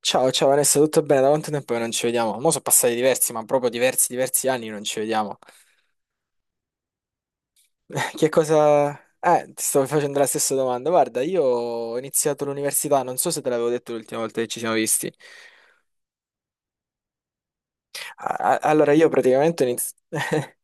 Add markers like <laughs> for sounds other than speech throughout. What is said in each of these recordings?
Ciao, ciao Vanessa, tutto bene? Da quanto tempo che non ci vediamo? Mo' sono passati diversi, ma proprio diversi anni che non ci vediamo. <laughs> Che cosa... ti stavo facendo la stessa domanda. Guarda, io ho iniziato l'università, non so se te l'avevo detto l'ultima volta che ci siamo visti. Allora, io praticamente, <laughs>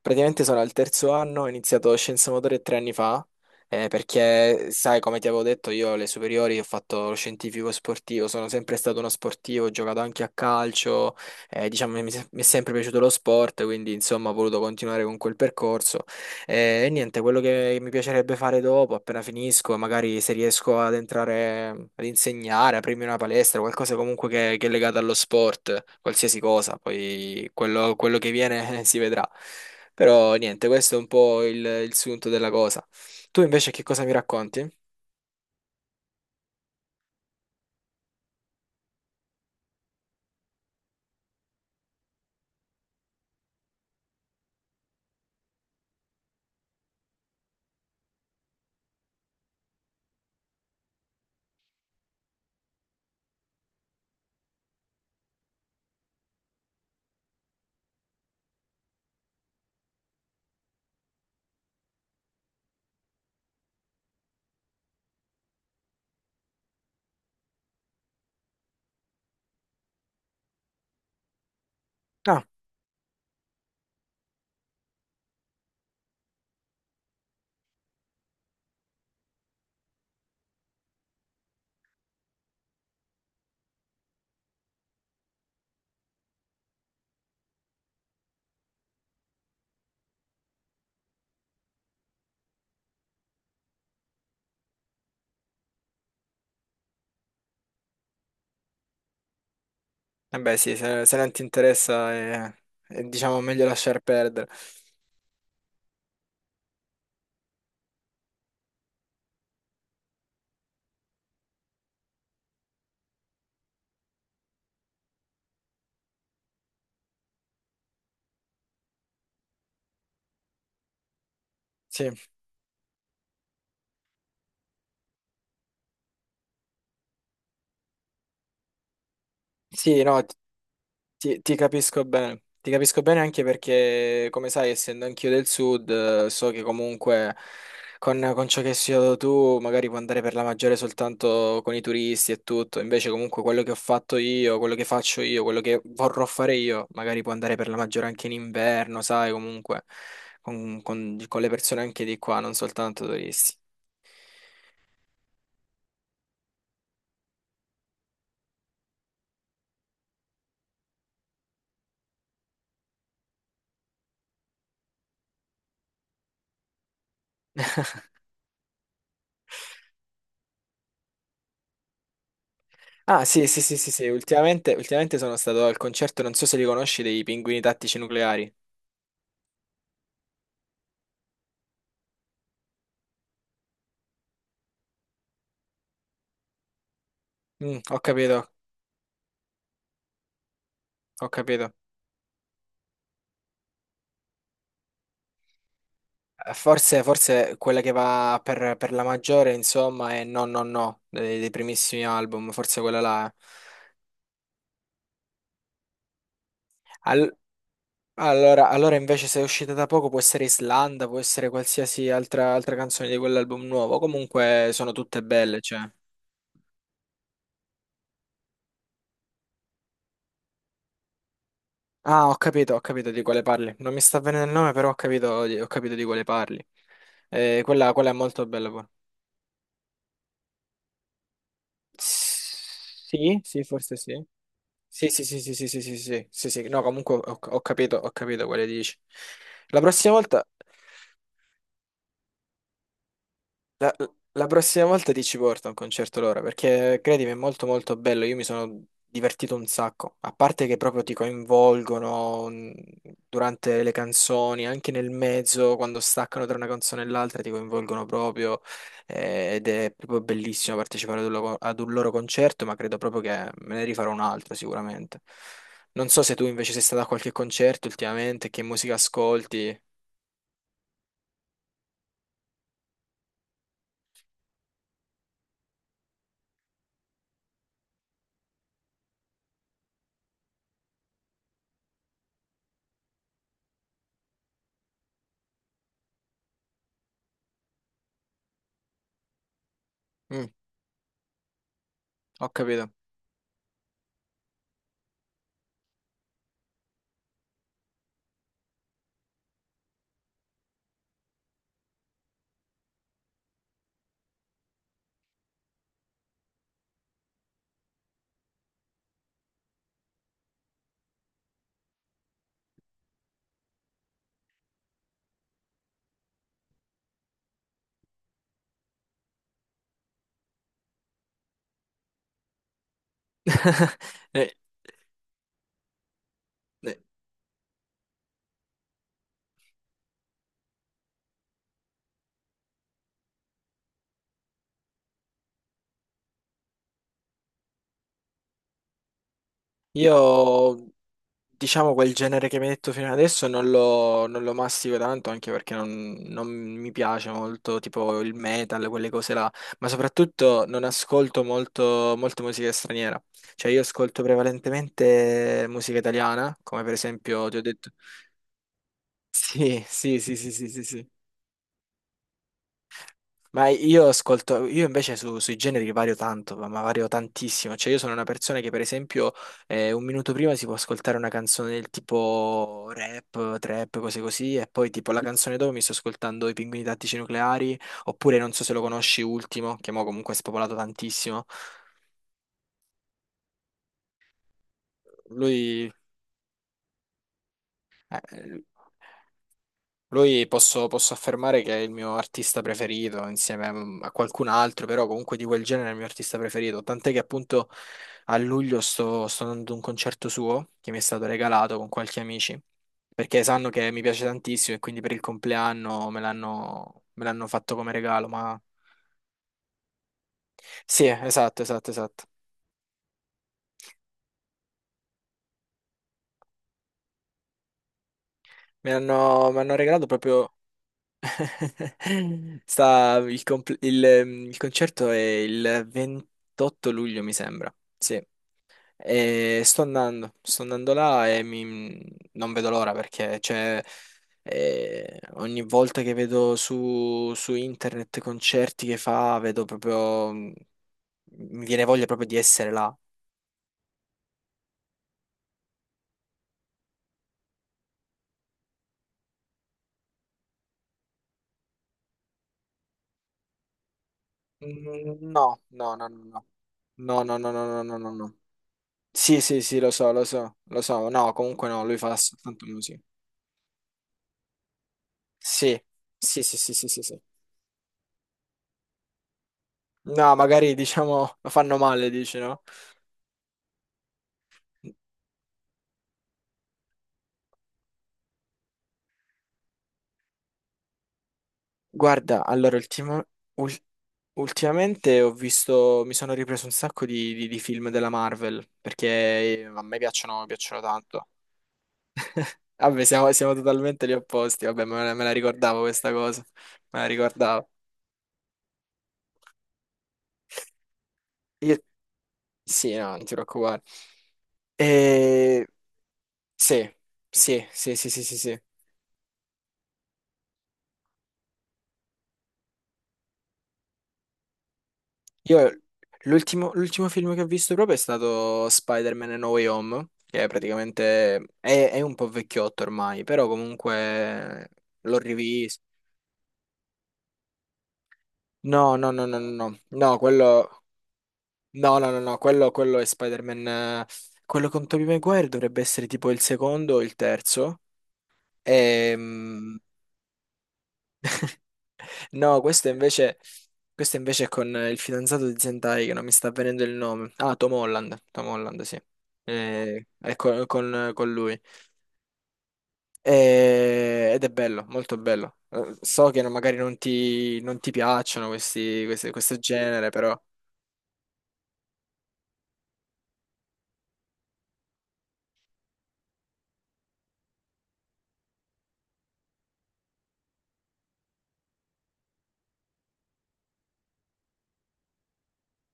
praticamente sono al terzo anno, ho iniziato scienze motorie tre anni fa, perché sai, come ti avevo detto, io alle superiori ho fatto lo scientifico sportivo, sono sempre stato uno sportivo, ho giocato anche a calcio, diciamo, mi è sempre piaciuto lo sport, quindi insomma ho voluto continuare con quel percorso e niente, quello che mi piacerebbe fare dopo, appena finisco, magari se riesco ad entrare ad insegnare, aprirmi una palestra, qualcosa comunque che è legato allo sport, qualsiasi cosa, poi quello che viene <laughs> si vedrà. Però niente, questo è un po' il sunto della cosa. Tu invece che cosa mi racconti? Ah, eh beh sì, se non ti interessa è, diciamo meglio lasciar perdere. Sì, sì, no. Ti capisco bene, ti capisco bene anche perché, come sai, essendo anch'io del sud, so che comunque con ciò che hai studiato tu magari puoi andare per la maggiore soltanto con i turisti e tutto, invece comunque quello che ho fatto io, quello che faccio io, quello che vorrò fare io, magari può andare per la maggiore anche in inverno, sai, comunque con, con le persone anche di qua, non soltanto turisti. Ah, sì, sì, sì, sì, sì. Ultimamente sono stato al concerto, non so se li conosci, dei Pinguini Tattici Nucleari. Mm, ho capito, ho capito. Forse, forse quella che va per la maggiore, insomma, è No No No, dei primissimi album, forse quella là. Eh. Al- allora invece se è uscita da poco può essere Islanda, può essere qualsiasi altra, altra canzone di quell'album nuovo, comunque sono tutte belle, cioè. Ah, ho capito di quale parli. Non mi sta venendo il nome, però ho capito, ho capito di quale parli. Quella, quella è molto bella pure. Sì, sì, forse sì. Sì, sì, sì, sì, sì, sì, sì, sì, sì, sì, sì. No, comunque ho, ho capito quale dici. La prossima volta. La, la prossima volta ti ci porto a un concerto loro, perché credimi, è molto molto bello, io mi sono divertito un sacco, a parte che proprio ti coinvolgono durante le canzoni, anche nel mezzo, quando staccano tra una canzone e l'altra, ti coinvolgono proprio ed è proprio bellissimo partecipare ad un, ad un loro concerto, ma credo proprio che me ne rifarò un altro sicuramente. Non so se tu invece sei stato a qualche concerto ultimamente, che musica ascolti. Mm, ho capito. <laughs> Eh, eh. Io, diciamo, quel genere che mi hai detto fino adesso non lo mastico tanto, anche perché non, non mi piace molto, tipo il metal, quelle cose là, ma soprattutto non ascolto molto, molto musica straniera. Cioè, io ascolto prevalentemente musica italiana, come per esempio ti ho detto... <laughs> Sì, sì, sì, sì, sì, sì, sì. Ma io ascolto, io invece sui generi vario tanto, ma vario tantissimo. Cioè, io sono una persona che, per esempio, un minuto prima si può ascoltare una canzone del tipo rap, trap, cose così, e poi tipo la canzone dopo mi sto ascoltando I Pinguini Tattici Nucleari, oppure non so se lo conosci, Ultimo, che mo comunque è spopolato tantissimo. Lui. Eh, lui posso, posso affermare che è il mio artista preferito insieme a a qualcun altro, però comunque di quel genere è il mio artista preferito. Tant'è che appunto a luglio sto, sto andando a un concerto suo che mi è stato regalato con qualche amici, perché sanno che mi piace tantissimo e quindi per il compleanno me l'hanno fatto come regalo. Ma sì, esatto, esatto, esatto. Mi hanno regalato proprio. <laughs> Sta il concerto è il 28 luglio, mi sembra. Sì. E sto andando, là e non vedo l'ora perché cioè, ogni volta che vedo su, su internet concerti che fa, vedo proprio, mi viene voglia proprio di essere là. Mm, no, no, no, no, no. No, no, no, no, no, no, no, no. Sì, sì, sì, lo so, lo so, lo so. No, comunque no, lui fa soltanto musica. Sì, sì, sì, sì, sì, sì, sì. No, magari diciamo <laughs> lo fanno male, dici, no? Guarda, ul- ultimamente ho visto, mi sono ripreso un sacco di, di film della Marvel, perché a me piacciono, mi piacciono tanto. Vabbè, siamo, siamo totalmente gli opposti, vabbè, me la ricordavo questa cosa, me la ricordavo. Io, sì, no, non ti preoccupare. E... Sì, sì, sì, sì, sì, sì, sì. Io l'ultimo film che ho visto proprio è stato Spider-Man No Way Home, che è praticamente è un po' vecchiotto ormai, però comunque l'ho rivisto. No, no, no, no, no, no, no, quello no, no, no, no, quello è Spider-Man quello con Tobey Maguire dovrebbe essere tipo il secondo o il terzo. Ehm, No, questo invece è con il fidanzato di Zentai, che non mi sta venendo il nome. Ah, Tom Holland. Tom Holland, sì. È con lui. Ed è bello, molto bello. So che magari non ti, non ti piacciono questi, questo genere, però.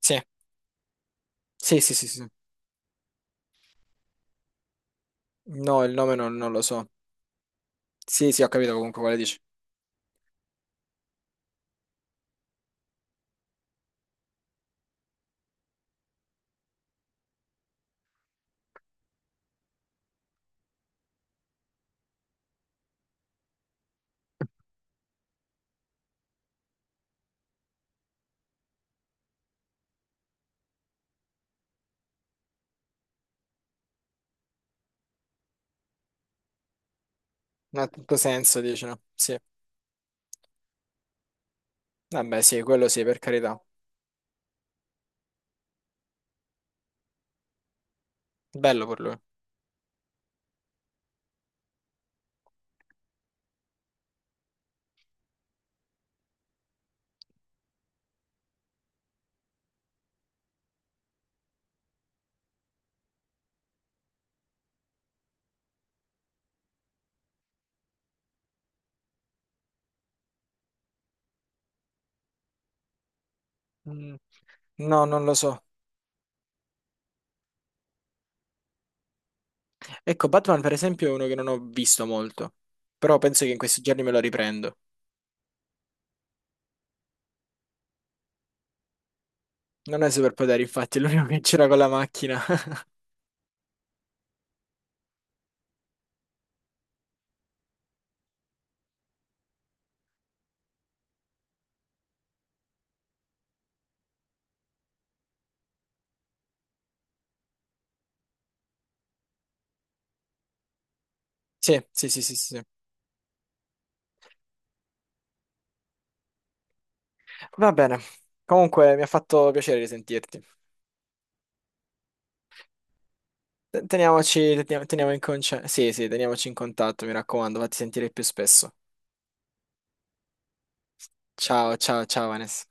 Sì, sì, sì, sì, sì. No, il nome non, non lo so. Sì, sì, ho capito comunque quale dici. Non ha tutto senso, dici, no? Sì. Vabbè, sì, quello sì, per carità. Bello per lui. Mm, no, non lo so. Ecco, Batman per esempio è uno che non ho visto molto, però penso che in questi giorni me lo riprendo. Non è superpoteri, infatti, <laughs> è l'unico che c'era con la macchina. <laughs> Sì, sì, sì, sì, sì. Sì. Va bene. Comunque mi ha fatto piacere risentirti. Te- Teniamoci, teniamo, teniamo in conce- Sì, sì, teniamoci in contatto, mi raccomando, fatti sentire più spesso. Ciao, ciao, ciao, Vanessa.